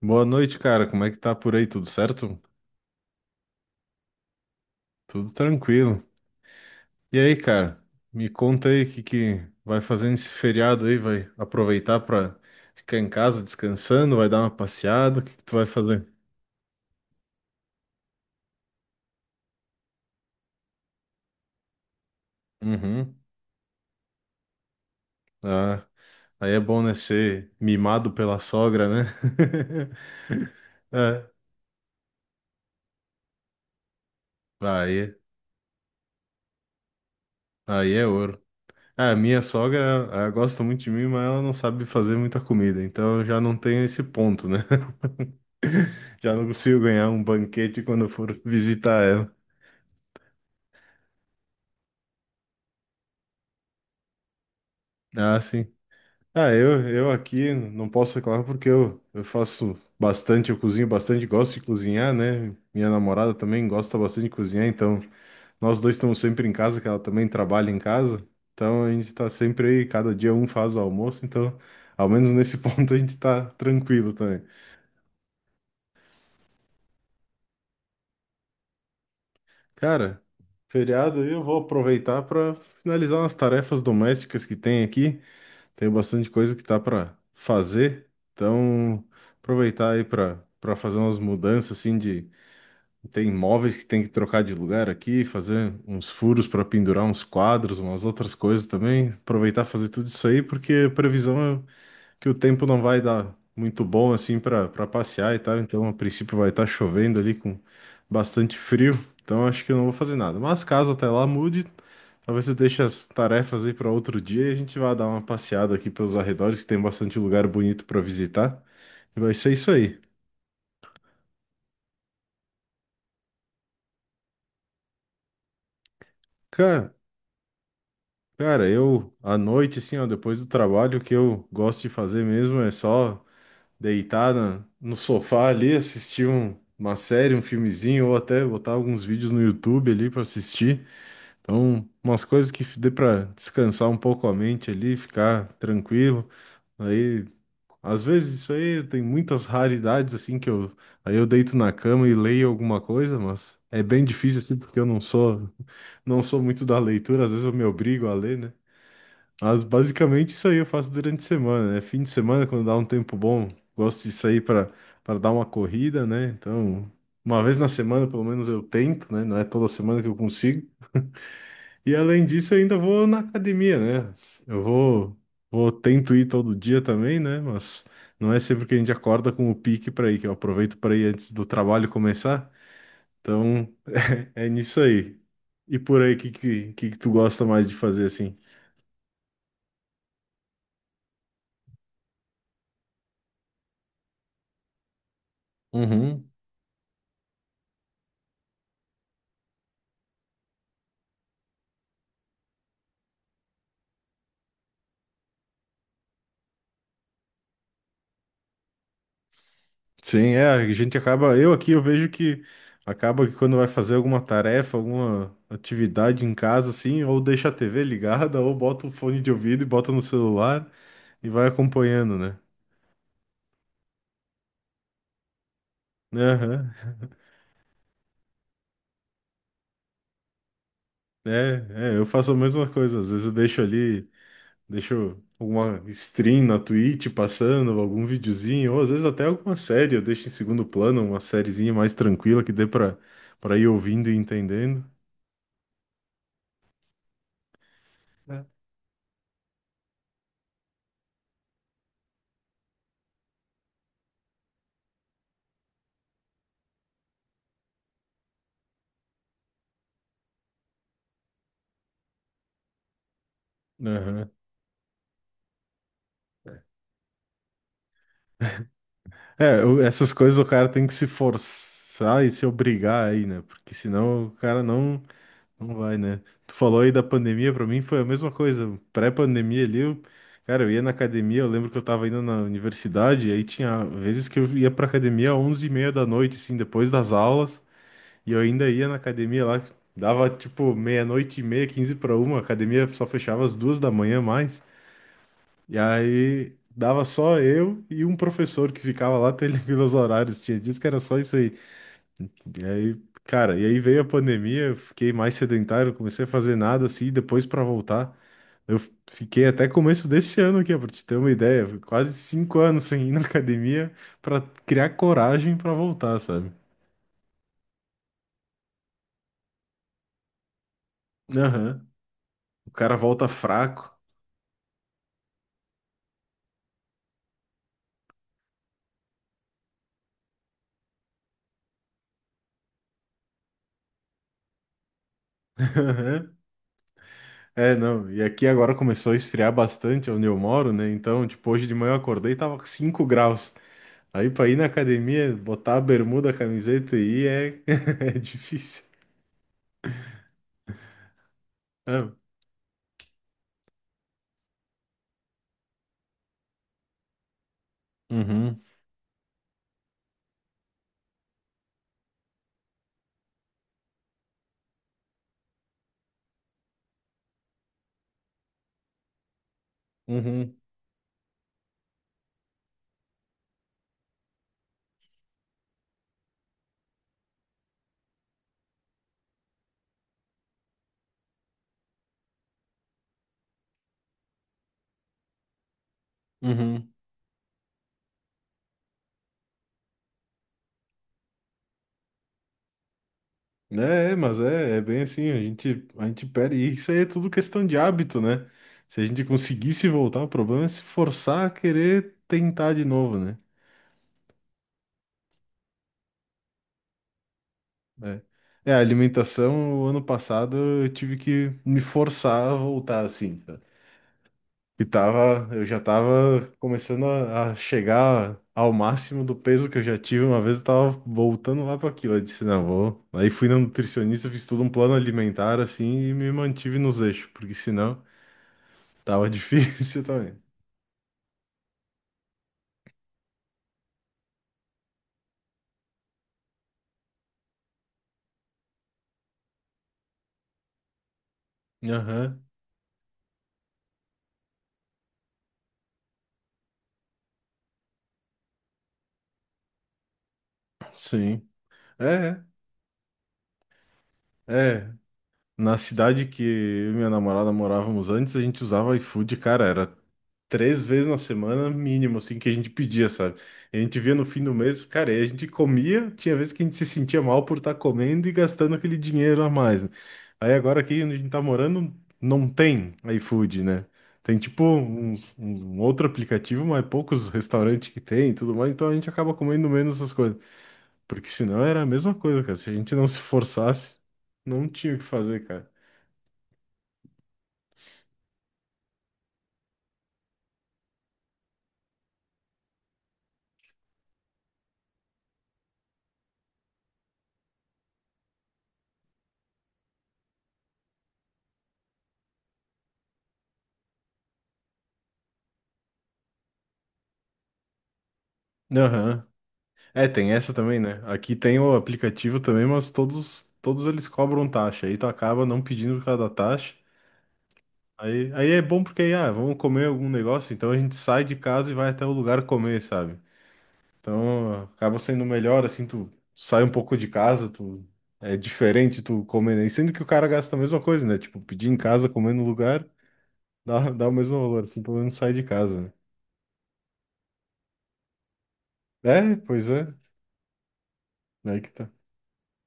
Boa noite, cara. Como é que tá por aí? Tudo certo? Tudo tranquilo. E aí, cara? Me conta aí o que que vai fazer nesse feriado aí? Vai aproveitar pra ficar em casa descansando? Vai dar uma passeada? O que que tu vai fazer? Uhum. Ah, aí é bom, né? Ser mimado pela sogra, né? É. Aí, aí, é ouro. Ah, minha sogra, ela gosta muito de mim, mas ela não sabe fazer muita comida, então eu já não tenho esse ponto, né? Já não consigo ganhar um banquete quando eu for visitar ela. Ah, sim. Ah, eu aqui não posso reclamar porque eu faço bastante, eu cozinho bastante, gosto de cozinhar, né? Minha namorada também gosta bastante de cozinhar, então nós dois estamos sempre em casa, que ela também trabalha em casa. Então a gente está sempre aí, cada dia um faz o almoço, então ao menos nesse ponto a gente tá tranquilo também. Cara, feriado aí eu vou aproveitar para finalizar umas tarefas domésticas que tem aqui. Tenho bastante coisa que tá para fazer, então aproveitar aí para fazer umas mudanças assim. De Tem móveis que tem que trocar de lugar aqui, fazer uns furos para pendurar uns quadros, umas outras coisas também. Aproveitar e fazer tudo isso aí porque a previsão é que o tempo não vai dar muito bom assim para passear e tal, então a princípio vai estar chovendo ali com bastante frio, então acho que eu não vou fazer nada. Mas caso até lá mude, talvez eu deixe as tarefas aí para outro dia e a gente vá dar uma passeada aqui pelos arredores, que tem bastante lugar bonito para visitar. E vai ser isso aí. Cara, cara, eu à noite assim, ó, depois do trabalho, o que eu gosto de fazer mesmo é só deitar no sofá ali, assistir uma série, um filmezinho, ou até botar alguns vídeos no YouTube ali para assistir. Então, umas coisas que dê para descansar um pouco a mente ali, ficar tranquilo. Aí, às vezes isso aí tem muitas raridades assim que eu, aí eu deito na cama e leio alguma coisa, mas é bem difícil assim porque eu não sou muito da leitura, às vezes eu me obrigo a ler, né? Mas basicamente isso aí eu faço durante a semana, né? Fim de semana, quando dá um tempo bom, gosto de sair para dar uma corrida, né? Então, uma vez na semana, pelo menos eu tento, né? Não é toda semana que eu consigo. E além disso, eu ainda vou na academia, né? Eu vou, vou tento ir todo dia também, né? Mas não é sempre que a gente acorda com o pique para ir, que eu aproveito para ir antes do trabalho começar. Então, é nisso aí. E por aí, o que que tu gosta mais de fazer assim? Uhum. Sim, é, a gente acaba, eu aqui eu vejo que acaba que quando vai fazer alguma tarefa, alguma atividade em casa, assim, ou deixa a TV ligada, ou bota o fone de ouvido e bota no celular e vai acompanhando, né? Aham. É, é, eu faço a mesma coisa, às vezes eu deixo ali, deixo alguma stream na Twitch passando, algum videozinho, ou às vezes até alguma série, eu deixo em segundo plano, uma sériezinha mais tranquila que dê pra ir ouvindo e entendendo. Aham. É, essas coisas o cara tem que se forçar e se obrigar aí, né? Porque senão o cara não vai, né? Tu falou aí da pandemia, pra mim foi a mesma coisa. Pré-pandemia ali, eu, cara, eu ia na academia, eu lembro que eu tava indo na universidade, e aí tinha vezes que eu ia pra academia às 11h30 da noite, assim, depois das aulas, e eu ainda ia na academia lá, dava tipo meia-noite e meia, 15 pra uma, a academia só fechava às duas da manhã mais. E aí dava só eu e um professor que ficava lá televindo os horários. Tinha dias que era só isso aí. E aí, cara, e aí veio a pandemia, eu fiquei mais sedentário, comecei a fazer nada assim, e depois para voltar. Fiquei até começo desse ano aqui, para te ter uma ideia, foi quase 5 anos sem ir na academia para criar coragem para voltar, sabe? Aham. O cara volta fraco. Aham. É, não. E aqui agora começou a esfriar bastante onde eu moro, né? Então, tipo, hoje de manhã eu acordei e tava com 5 graus. Aí pra ir na academia, botar a bermuda, a camiseta e ir é, é difícil. É. Uhum, uhum, uhum. É, é, mas é bem assim, a gente perde. E isso aí é tudo questão de hábito, né? Se a gente conseguisse voltar, o problema é se forçar a querer tentar de novo, né? É, é, a alimentação, o ano passado eu tive que me forçar a voltar assim. Sabe? E tava, eu já tava começando a chegar ao máximo do peso que eu já tive. Uma vez eu tava voltando lá para aquilo. Eu disse, não, vou. Aí fui na nutricionista, fiz todo um plano alimentar assim e me mantive nos eixos, porque senão tava difícil também. Aham, sim. É, é. É, na cidade que eu e minha namorada morávamos antes, a gente usava iFood, cara, era três vezes na semana, mínimo, assim, que a gente pedia, sabe? A gente via no fim do mês, cara, e a gente comia, tinha vezes que a gente se sentia mal por estar comendo e gastando aquele dinheiro a mais, né? Aí agora aqui onde a gente tá morando, não tem iFood, né? Tem tipo um outro aplicativo, mas poucos restaurantes que tem e tudo mais, então a gente acaba comendo menos essas coisas. Porque senão era a mesma coisa, cara. Se a gente não se forçasse, não tinha o que fazer, cara. Aham. É, tem essa também, né? Aqui tem o aplicativo também, mas todos eles cobram taxa. Aí tu acaba não pedindo por causa da taxa. Aí, é bom porque aí, ah, vamos comer algum negócio, então a gente sai de casa e vai até o lugar comer, sabe? Então acaba sendo melhor, assim, tu sai um pouco de casa, tu é diferente tu comer, né? E sendo que o cara gasta a mesma coisa, né? Tipo, pedir em casa, comer no lugar, dá, dá o mesmo valor, assim, pelo menos sai de casa, né? É, pois é, aí que tá.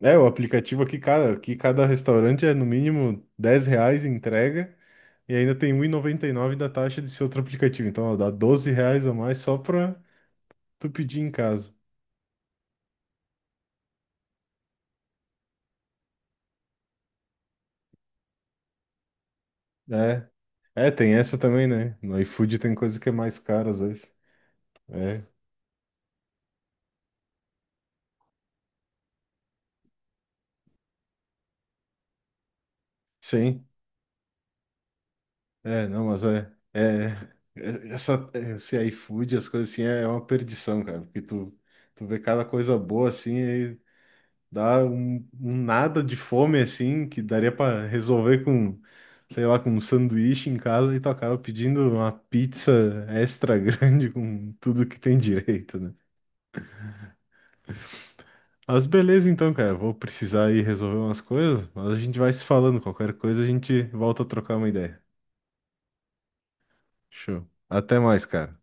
É, o aplicativo aqui, cara, aqui cada restaurante é no mínimo R$ 10 em entrega e ainda tem 1,99 da taxa desse outro aplicativo. Então, ó, dá R$ 12 a mais só pra tu pedir em casa. É, é, tem essa também, né? No iFood tem coisa que é mais cara às vezes. É, sim. É, não, mas é, é, esse iFood, as coisas assim, é uma perdição, cara, porque tu vê cada coisa boa assim. Dá um nada de fome assim, que daria pra resolver com, sei lá, com um sanduíche em casa e tu acaba pedindo uma pizza extra grande com tudo que tem direito, né? Mas beleza então, cara, vou precisar ir resolver umas coisas, mas a gente vai se falando, qualquer coisa a gente volta a trocar uma ideia. Show. Até mais, cara.